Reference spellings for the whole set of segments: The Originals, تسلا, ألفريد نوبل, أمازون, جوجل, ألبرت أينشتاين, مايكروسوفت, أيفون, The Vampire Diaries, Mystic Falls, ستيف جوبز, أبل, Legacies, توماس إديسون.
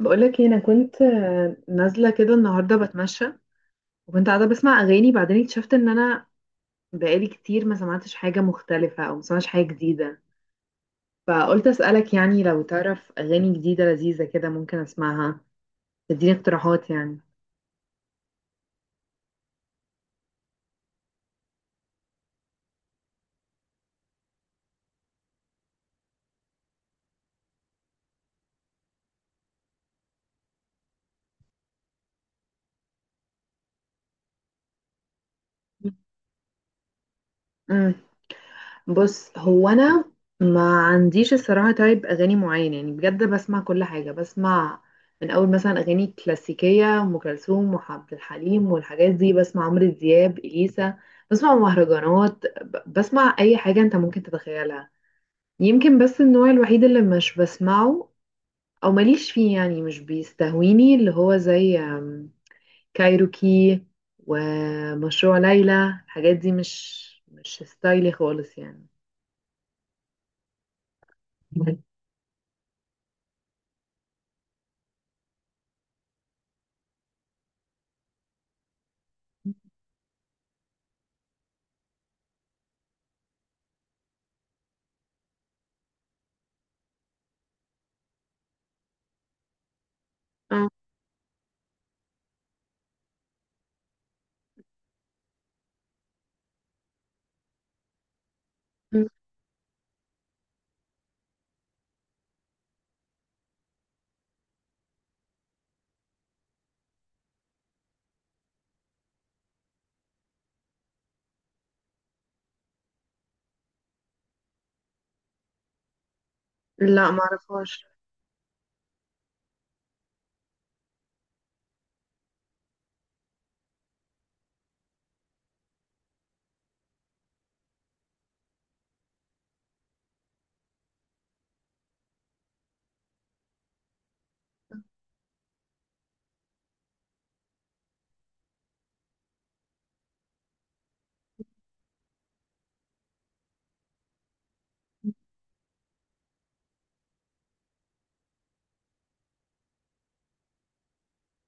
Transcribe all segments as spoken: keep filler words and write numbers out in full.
بقولك ايه، انا كنت آه، نازله كده النهارده بتمشى، وكنت قاعده بسمع اغاني. بعدين اكتشفت ان انا بقالي كتير ما سمعتش حاجه مختلفه او ما سمعتش حاجه جديده، فقلت اسالك يعني لو تعرف اغاني جديده لذيذه كده ممكن اسمعها، تديني اقتراحات. يعني بص، هو انا ما عنديش الصراحه تايب اغاني معين، يعني بجد بسمع كل حاجه. بسمع من اول مثلا اغاني كلاسيكيه، ام كلثوم وعبد الحليم والحاجات دي. بسمع عمرو دياب، اليسا. بسمع مهرجانات، ب- بسمع اي حاجه انت ممكن تتخيلها. يمكن بس النوع الوحيد اللي مش بسمعه او ماليش فيه، يعني مش بيستهويني، اللي هو زي أم، كايروكي ومشروع ليلى. الحاجات دي مش مش ستايلي خالص يعني. مم. لا، معرفهاش.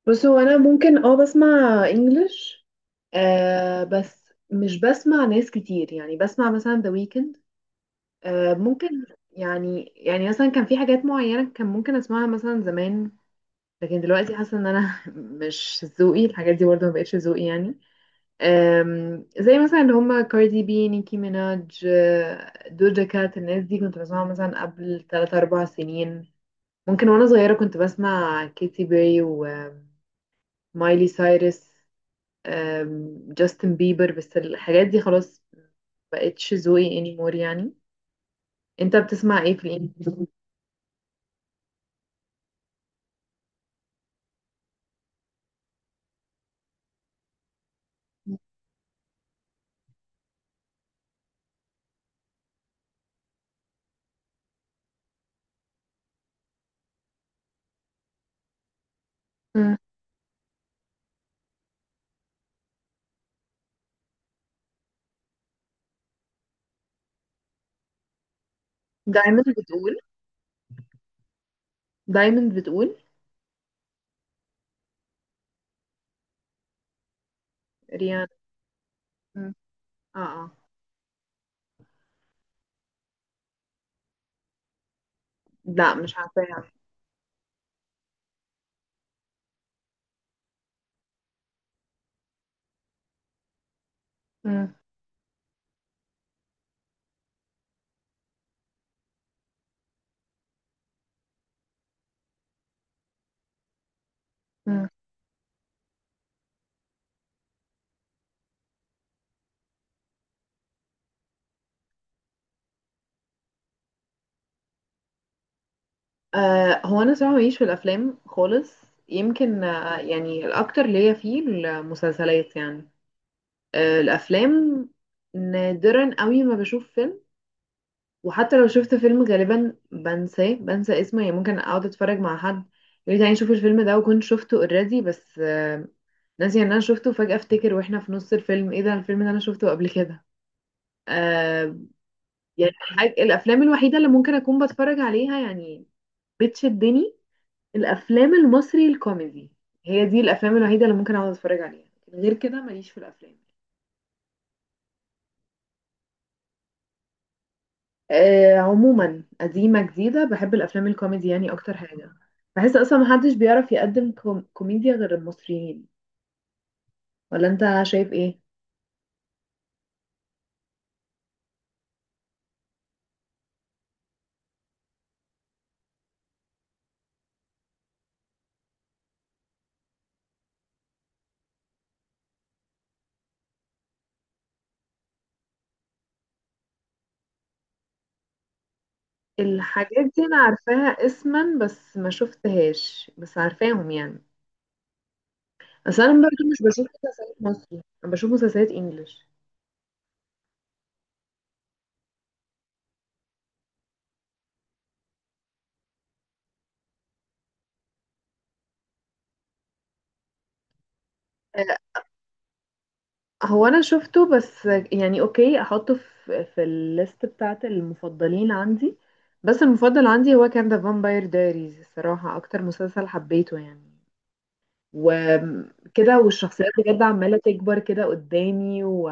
بص، هو انا ممكن اه بسمع انجلش، آه بس مش بسمع ناس كتير، يعني بسمع مثلا ذا ويكند، آه ممكن. يعني يعني مثلا كان في حاجات معينة كان ممكن اسمعها مثلا زمان، لكن دلوقتي حاسة ان انا مش ذوقي. الحاجات دي برضه ما بقتش ذوقي يعني. آم، زي مثلا اللي هما كاردي بي، نيكي ميناج، آه، دوجا كات. الناس دي كنت بسمعها مثلا قبل ثلاثة أربعة سنين ممكن. وانا صغيرة كنت بسمع كيتي بيري و مايلي سايرس، آم، جاستن بيبر. بس الحاجات دي خلاص بقتش ذوقي anymore يعني. انت بتسمع ايه في الانجليزي؟ مم. دايموند بتقول دايموند بتقول ريان. مم. اه، اه. لا، مش عارفاها. مم. مم. آه هو انا صراحة ماليش في الافلام خالص، يمكن آه يعني الاكتر ليا فيه المسلسلات يعني. آه الافلام نادرا قوي ما بشوف. وحتى لو شفت فيلم غالبا بنساه، بنسى اسمه، يعني ممكن اقعد اتفرج مع حد يقول لي تعالي نشوف الفيلم ده، وكنت شفته اوريدي بس آه، ناسي ان انا شفته. فجأة افتكر واحنا في نص الفيلم، ايه ده الفيلم ده انا شفته قبل كده. آه يعني الحاج- الافلام الوحيدة اللي ممكن اكون بتفرج عليها يعني، بتشدني، الافلام المصري الكوميدي. هي دي الافلام الوحيدة اللي ممكن اقعد اتفرج عليها، غير كده ماليش في الافلام. آه، عموما قديمة جديدة، بحب الأفلام الكوميدي يعني أكتر حاجة. بحس أصلا محدش بيعرف يقدم كوم- كوميديا غير المصريين، ولا أنت شايف إيه؟ الحاجات دي أنا عارفاها اسما بس ما شفتهاش، بس عارفاهم يعني. بس أنا برضه مش بشوف مسلسلات مصري، أنا بشوف مسلسلات إنجلش. آه، هو أنا شفته، بس يعني أوكي أحطه في في الليست بتاعة المفضلين عندي. بس المفضل عندي هو كان ذا فامباير دايريز الصراحة، أكتر مسلسل حبيته يعني. وكده، والشخصيات بجد عمالة تكبر كده قدامي و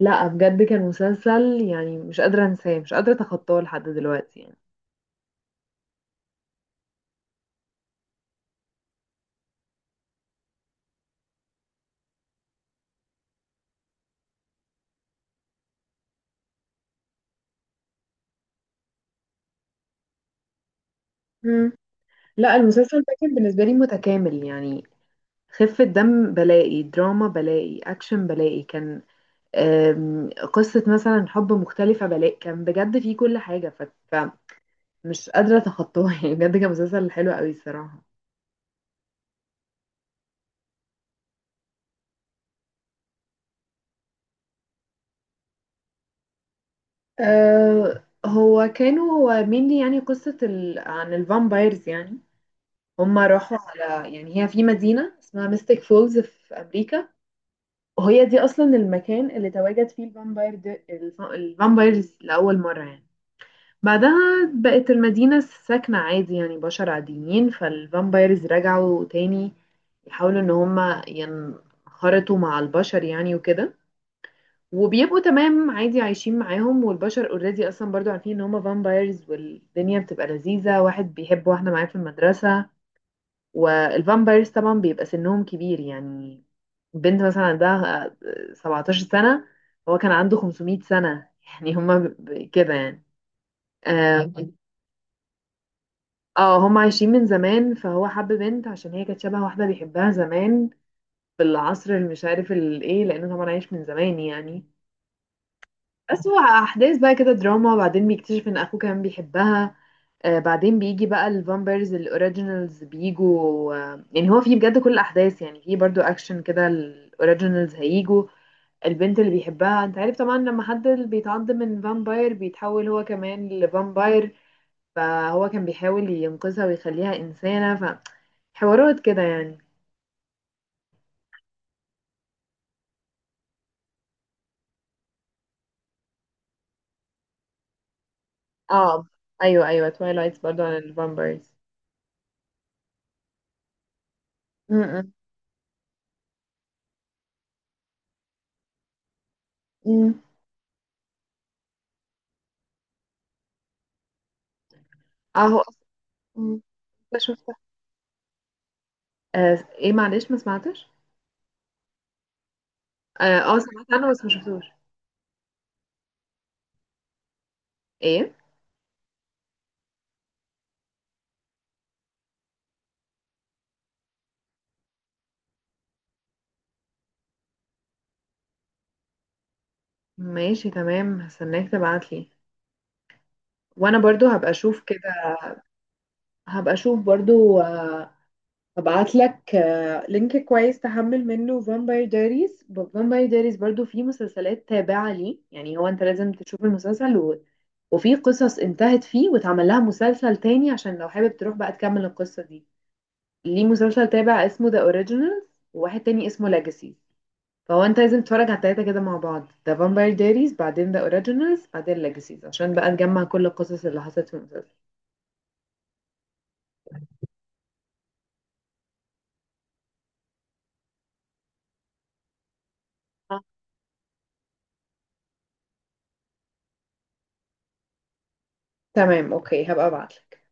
لا، بجد كان مسلسل يعني مش قادرة انساه، مش قادرة اتخطاه لحد دلوقتي يعني. مم. لا، المسلسل ده كان بالنسبة لي متكامل يعني. خفة دم بلاقي، دراما بلاقي، أكشن بلاقي، كان آم، قصة مثلا حب مختلفة بلاقي، كان بجد فيه كل حاجة، ف- فمش قادرة أتخطاها يعني. بجد كان مسلسل حلو قوي الصراحة. أه هو كانوا هو mainly يعني قصة ال... عن الفامبايرز يعني. هما راحوا على، يعني هي في مدينة اسمها ميستيك فولز في أمريكا، وهي دي أصلا المكان اللي تواجد فيه الفامباير ده، الف- الفامبايرز لأول مرة يعني. بعدها بقت المدينة ساكنة عادي يعني، بشر عاديين، فالفامبايرز رجعوا تاني يحاولوا إن هما ينخرطوا مع البشر يعني وكده، وبيبقوا تمام عادي عايشين معاهم. والبشر اوريدي اصلا برضو عارفين ان هما فامبايرز، والدنيا بتبقى لذيذة. واحد بيحب واحدة معاه في المدرسة، والفامبايرز طبعا بيبقى سنهم كبير يعني. بنت مثلا عندها آه، 17 سنة، هو كان عنده 500 سنة. يعني هما ب- ب- كده يعني. اه. آه، هما عايشين من زمان، فهو حب بنت عشان هي كانت شبه واحدة بيحبها زمان في العصر اللي مش عارف الايه، لانه طبعا عايش من زمان يعني. أسوأ أحداث بقى كده، دراما، بعدين بيكتشف إن أخوه كان بيحبها. آه بعدين بيجي بقى الفامبرز الأوريجينالز بيجوا، آه يعني هو فيه بجد كل الأحداث يعني، فيه برضو أكشن كده. الأوريجينالز هيجوا البنت اللي بيحبها. أنت عارف طبعا لما حد بيتعض من فامباير بيتحول هو كمان لفامباير، فهو كان بيحاول ينقذها ويخليها إنسانة، فحوارات كده يعني. اه، أيوه، أيوه، تويلايتس برضو عن الفامبايرز. م- م- م. اه، هو أصلا- م. شفتها. آه، ايه معلش ما سمعتش. اه، آه، سمعت عنه بس ما شفتوش. ايه. ماشي تمام، هستناك تبعتلي وانا برضو هبقى اشوف كده. هبقى اشوف برضو، آه، هبعت لك آه، لينك كويس تحمل منه فامباير دايريز. فامباير دايريز برضو فيه مسلسلات تابعة ليه، يعني هو انت لازم تشوف المسلسل و... وفي قصص انتهت فيه واتعمل لها مسلسل تاني، عشان لو حابب تروح بقى تكمل القصة دي. ليه مسلسل تابع اسمه ذا اوريجينالز، وواحد تاني اسمه ليجاسيز. فهو انت لازم تتفرج على التلاتة كده مع بعض، ذا فامباير دايريز بعدين ذا اوريجينالز بعدين ليجاسيز، عشان بقى نجمع كل القصص اللي حصلت في المسلسل. آه. تمام اوكي، هبقى ابعتلك.